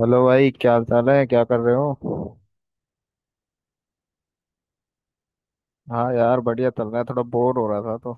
Hello भाई, क्या हाल चाल है? क्या कर रहे हो? हाँ यार, बढ़िया चल रहा है। थोड़ा बोर हो रहा था तो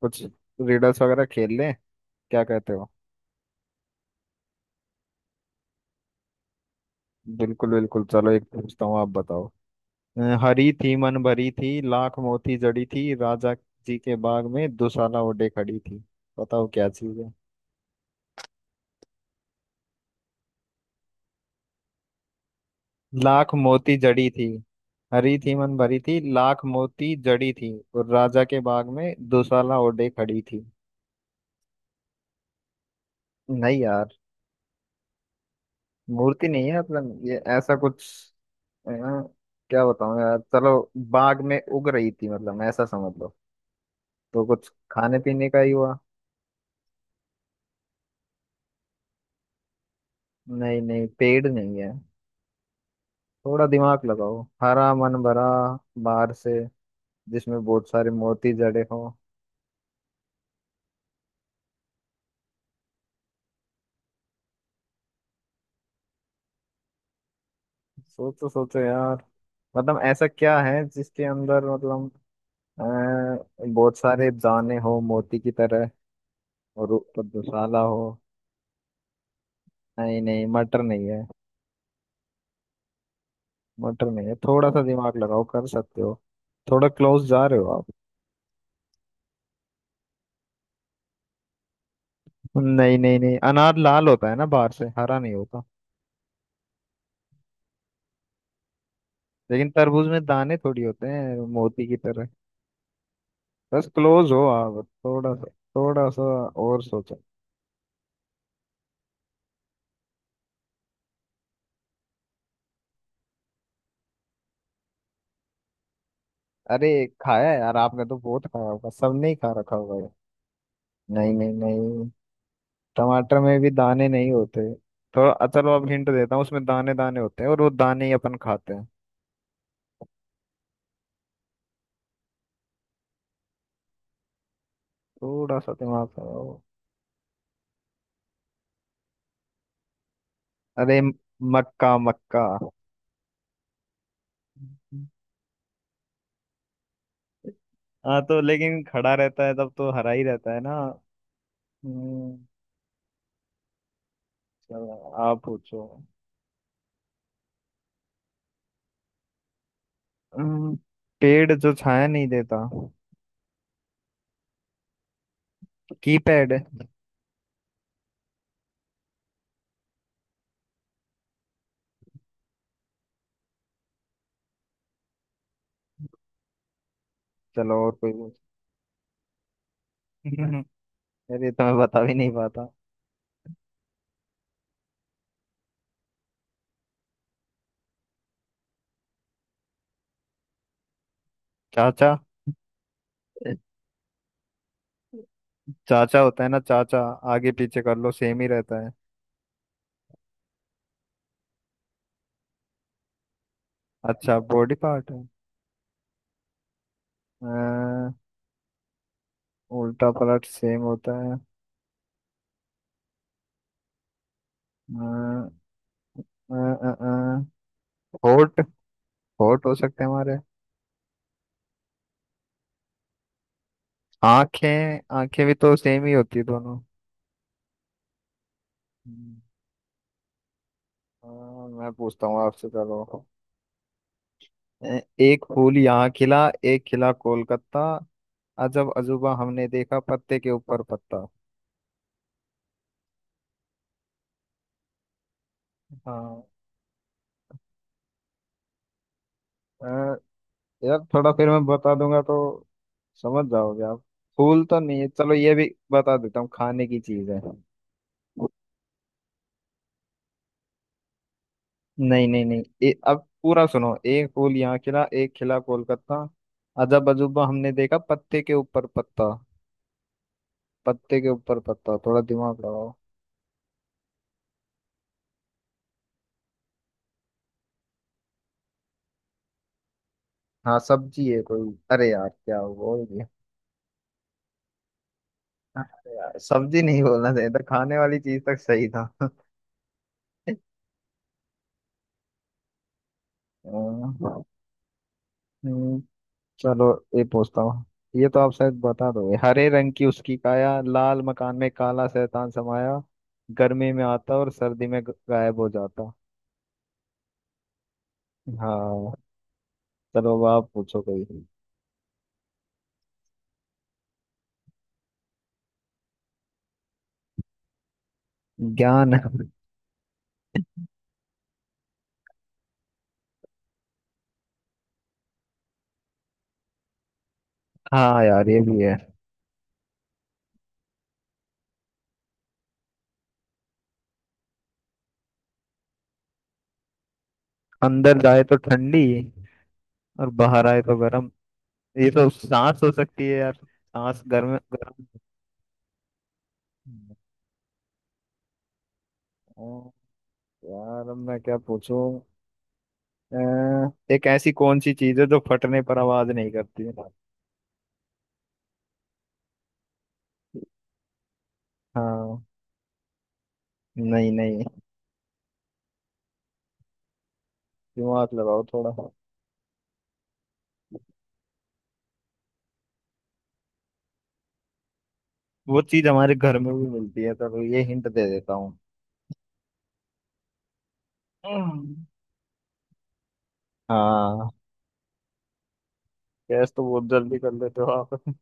कुछ रीडल्स वगैरह खेल लें, क्या कहते हो? बिल्कुल बिल्कुल, चलो एक पूछता हूँ, आप बताओ। हरी थी मन भरी थी, लाख मोती जड़ी थी, राजा जी के बाग में दुशाला ओढ़े खड़ी थी। बताओ क्या चीज है। लाख मोती जड़ी थी। हरी थी मन भरी थी, लाख मोती जड़ी थी, और राजा के बाग में दुशाला ओढ़े खड़ी थी। नहीं यार, मूर्ति नहीं है। मतलब ये ऐसा कुछ, यार क्या बताऊं यार। चलो, बाग में उग रही थी, मतलब ऐसा समझ लो। तो कुछ खाने पीने का ही हुआ। नहीं नहीं, पेड़ नहीं है। थोड़ा दिमाग लगाओ, हरा मन भरा बाहर से, जिसमें बहुत सारे मोती जड़े हो। सोचो सोचो यार। मतलब ऐसा क्या है जिसके अंदर, मतलब अ, बहुत सारे दाने हो मोती की तरह, और ऊपर दुशाला हो। नहीं नहीं, मटर नहीं है। मटर नहीं है, थोड़ा सा दिमाग लगाओ, कर सकते हो। थोड़ा क्लोज जा रहे हो आप। नहीं नहीं नहीं, अनार लाल होता है ना बाहर से, हरा नहीं होता। लेकिन तरबूज में दाने थोड़ी होते हैं मोती की तरह। बस क्लोज हो आप, थोड़ा सा। थोड़ा सा और सोचो। अरे खाया है यार, आपने तो बहुत खाया होगा, सबने ही खा रखा होगा ये। नहीं नहीं नहीं, टमाटर में भी दाने नहीं होते। थोड़ा चलो अब हिंट देता हूँ, उसमें दाने दाने होते हैं और वो दाने ही अपन खाते हैं। थोड़ा सा दिमाग लगाओ। अरे मक्का मक्का। हाँ तो, लेकिन खड़ा रहता है तब तो हरा ही रहता है ना। हम्म, चलो, आप पूछो। हम्म, पेड़ जो छाया नहीं देता। कीपैड। चलो और कोई पूछ। अरे ये तो मैं बता भी नहीं पाता। चाचा। चाचा होता है ना, चाचा। आगे पीछे कर लो सेम ही रहता है। अच्छा, बॉडी पार्ट है। अ, उल्टा पलट सेम होता है। अ, अ, अ, अ, होठ। होठ हो सकते हैं हमारे। आंखें, आंखें भी तो सेम ही होती है दोनों। हम्म, अ, मैं पूछता हूँ आपसे, चलो। ए- एक फूल यहाँ खिला, एक खिला कोलकाता, अजब अजूबा हमने देखा पत्ते के ऊपर पत्ता। हाँ, अ, यार थोड़ा फिर मैं बता दूंगा तो समझ जाओगे आप। फूल तो नहीं है, चलो ये भी बता देता हूँ, खाने की चीज है। नहीं नहीं नहीं, अब पूरा सुनो। एक फूल यहाँ खिला, एक खिला कोलकाता, अजब अजूबा हमने देखा पत्ते के ऊपर पत्ता। पत्ते के ऊपर पत्ता, थोड़ा दिमाग लगाओ। हाँ, सब्जी है कोई। अरे यार क्या हुआ। अरे यार, सब्जी नहीं बोलना चाहिए था, खाने वाली चीज तक सही था। अम्म, हम्म, चलो ये पूछता हूँ, ये तो आप शायद बता दोगे। हरे रंग की उसकी काया, लाल मकान में काला शैतान समाया, गर्मी में आता और सर्दी में गायब हो जाता। हाँ। चलो अब आप पूछो कोई। ज्ञान। हाँ यार, ये भी है। अंदर जाए तो ठंडी और बाहर आए तो गर्म। ये तो सांस हो सकती है यार, सांस गर्म गर्म। ओ, यार अब मैं क्या पूछूं। अ, एक ऐसी कौन सी चीज है जो फटने पर आवाज नहीं करती। हाँ। नहीं नहीं, दिमाग लगाओ थोड़ा। वो चीज हमारे घर में भी मिलती है, तो ये हिंट दे देता हूँ। हम्म, हाँ, गैस तो बहुत जल्दी कर लेते हो आप।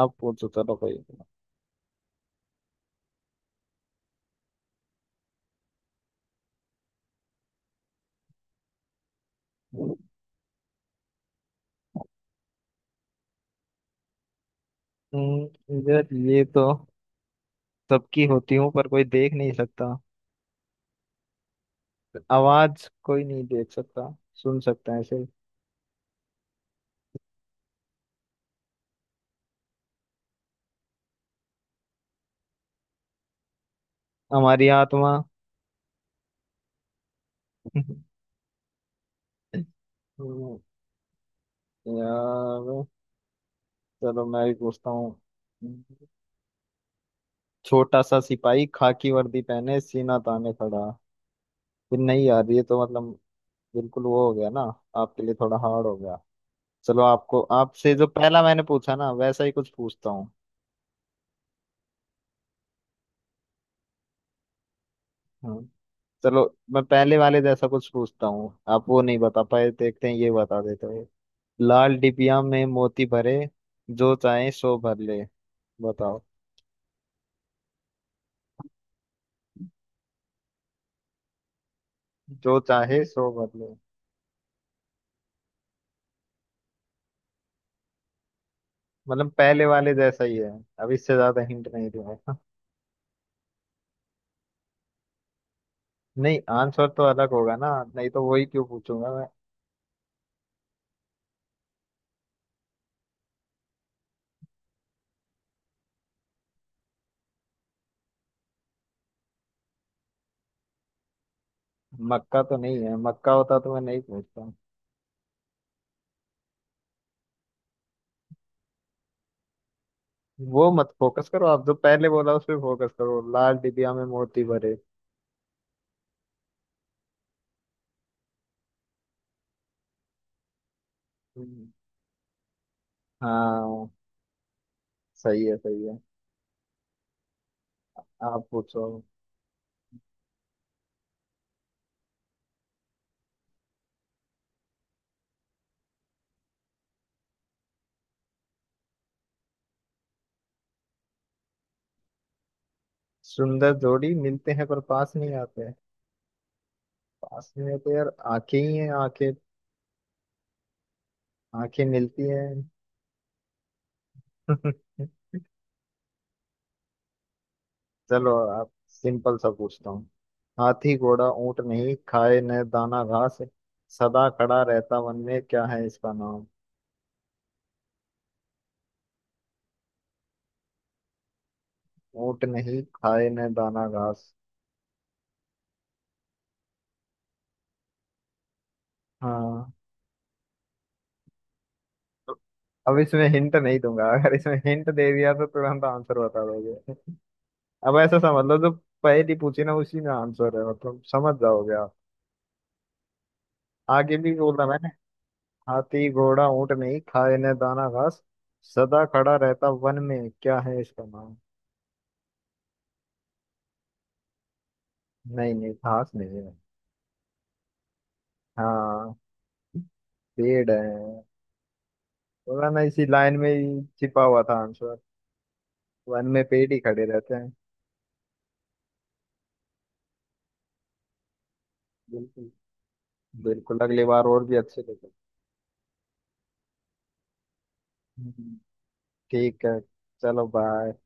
आप पूछो, चलो कोई। यार ये तो, सबकी होती हूँ पर कोई देख नहीं सकता। आवाज कोई नहीं देख सकता, सुन सकता है सिर्फ। हमारी आत्मा। हम्म, यार चलो मैं भी पूछता हूँ। छोटा सा सिपाही खाकी वर्दी पहने सीना ताने खड़ा। फिर नहीं यार, ये तो मतलब बिल्कुल वो हो गया ना, आपके लिए थोड़ा हार्ड हो गया। चलो आपको, आपसे जो पहला मैंने पूछा ना, वैसा ही कुछ पूछता हूँ। हाँ। चलो मैं पहले वाले जैसा कुछ पूछता हूँ, आप वो नहीं बता पाए, देखते हैं ये बता देते हो। लाल डिबिया में मोती भरे, जो चाहे सो भर ले। बताओ। जो चाहे सो भर ले। मतलब पहले वाले जैसा ही है, अब इससे ज्यादा हिंट नहीं दूंगा। नहीं, आंसर तो अलग होगा ना, नहीं तो वही क्यों पूछूंगा मैं। मक्का तो नहीं है, मक्का होता तो मैं नहीं पूछता। वो मत फोकस करो आप, जो पहले बोला उस पे फोकस करो, लाल डिबिया में मोती भरे। हम्म, हाँ, सही है सही है। आप पूछो। सुंदर जोड़ी मिलते हैं पर पास नहीं आते। पास नहीं आते यार, आंखें ही हैं, आंखें। आंखें मिलती हैं। चलो आप सिंपल सा पूछता हूँ। हाथी घोड़ा ऊंट नहीं खाए न दाना घास, सदा खड़ा रहता वन में, क्या है इसका नाम। ऊंट नहीं खाए न दाना घास। हाँ। तो अब इसमें हिंट नहीं दूंगा, अगर इसमें हिंट दे दिया तो तुरंत आंसर बता दोगे। अब ऐसा समझ लो, जो पहली पूछी ना उसी में आंसर है, मतलब समझ जाओगे आप। आगे भी बोला मैंने। हाथी घोड़ा ऊंट नहीं खाए न दाना घास, सदा खड़ा रहता वन में, क्या है इसका नाम। नहीं नहीं, घास नहीं है। हाँ, पेड़ है। वरना इसी लाइन में ही छिपा हुआ था आंसर, वन में पेड़ ही खड़े रहते हैं। बिल्कुल, बिल्कुल अगली बार और भी अच्छे लेते हैं। हम्म, ठीक है, चलो बाय।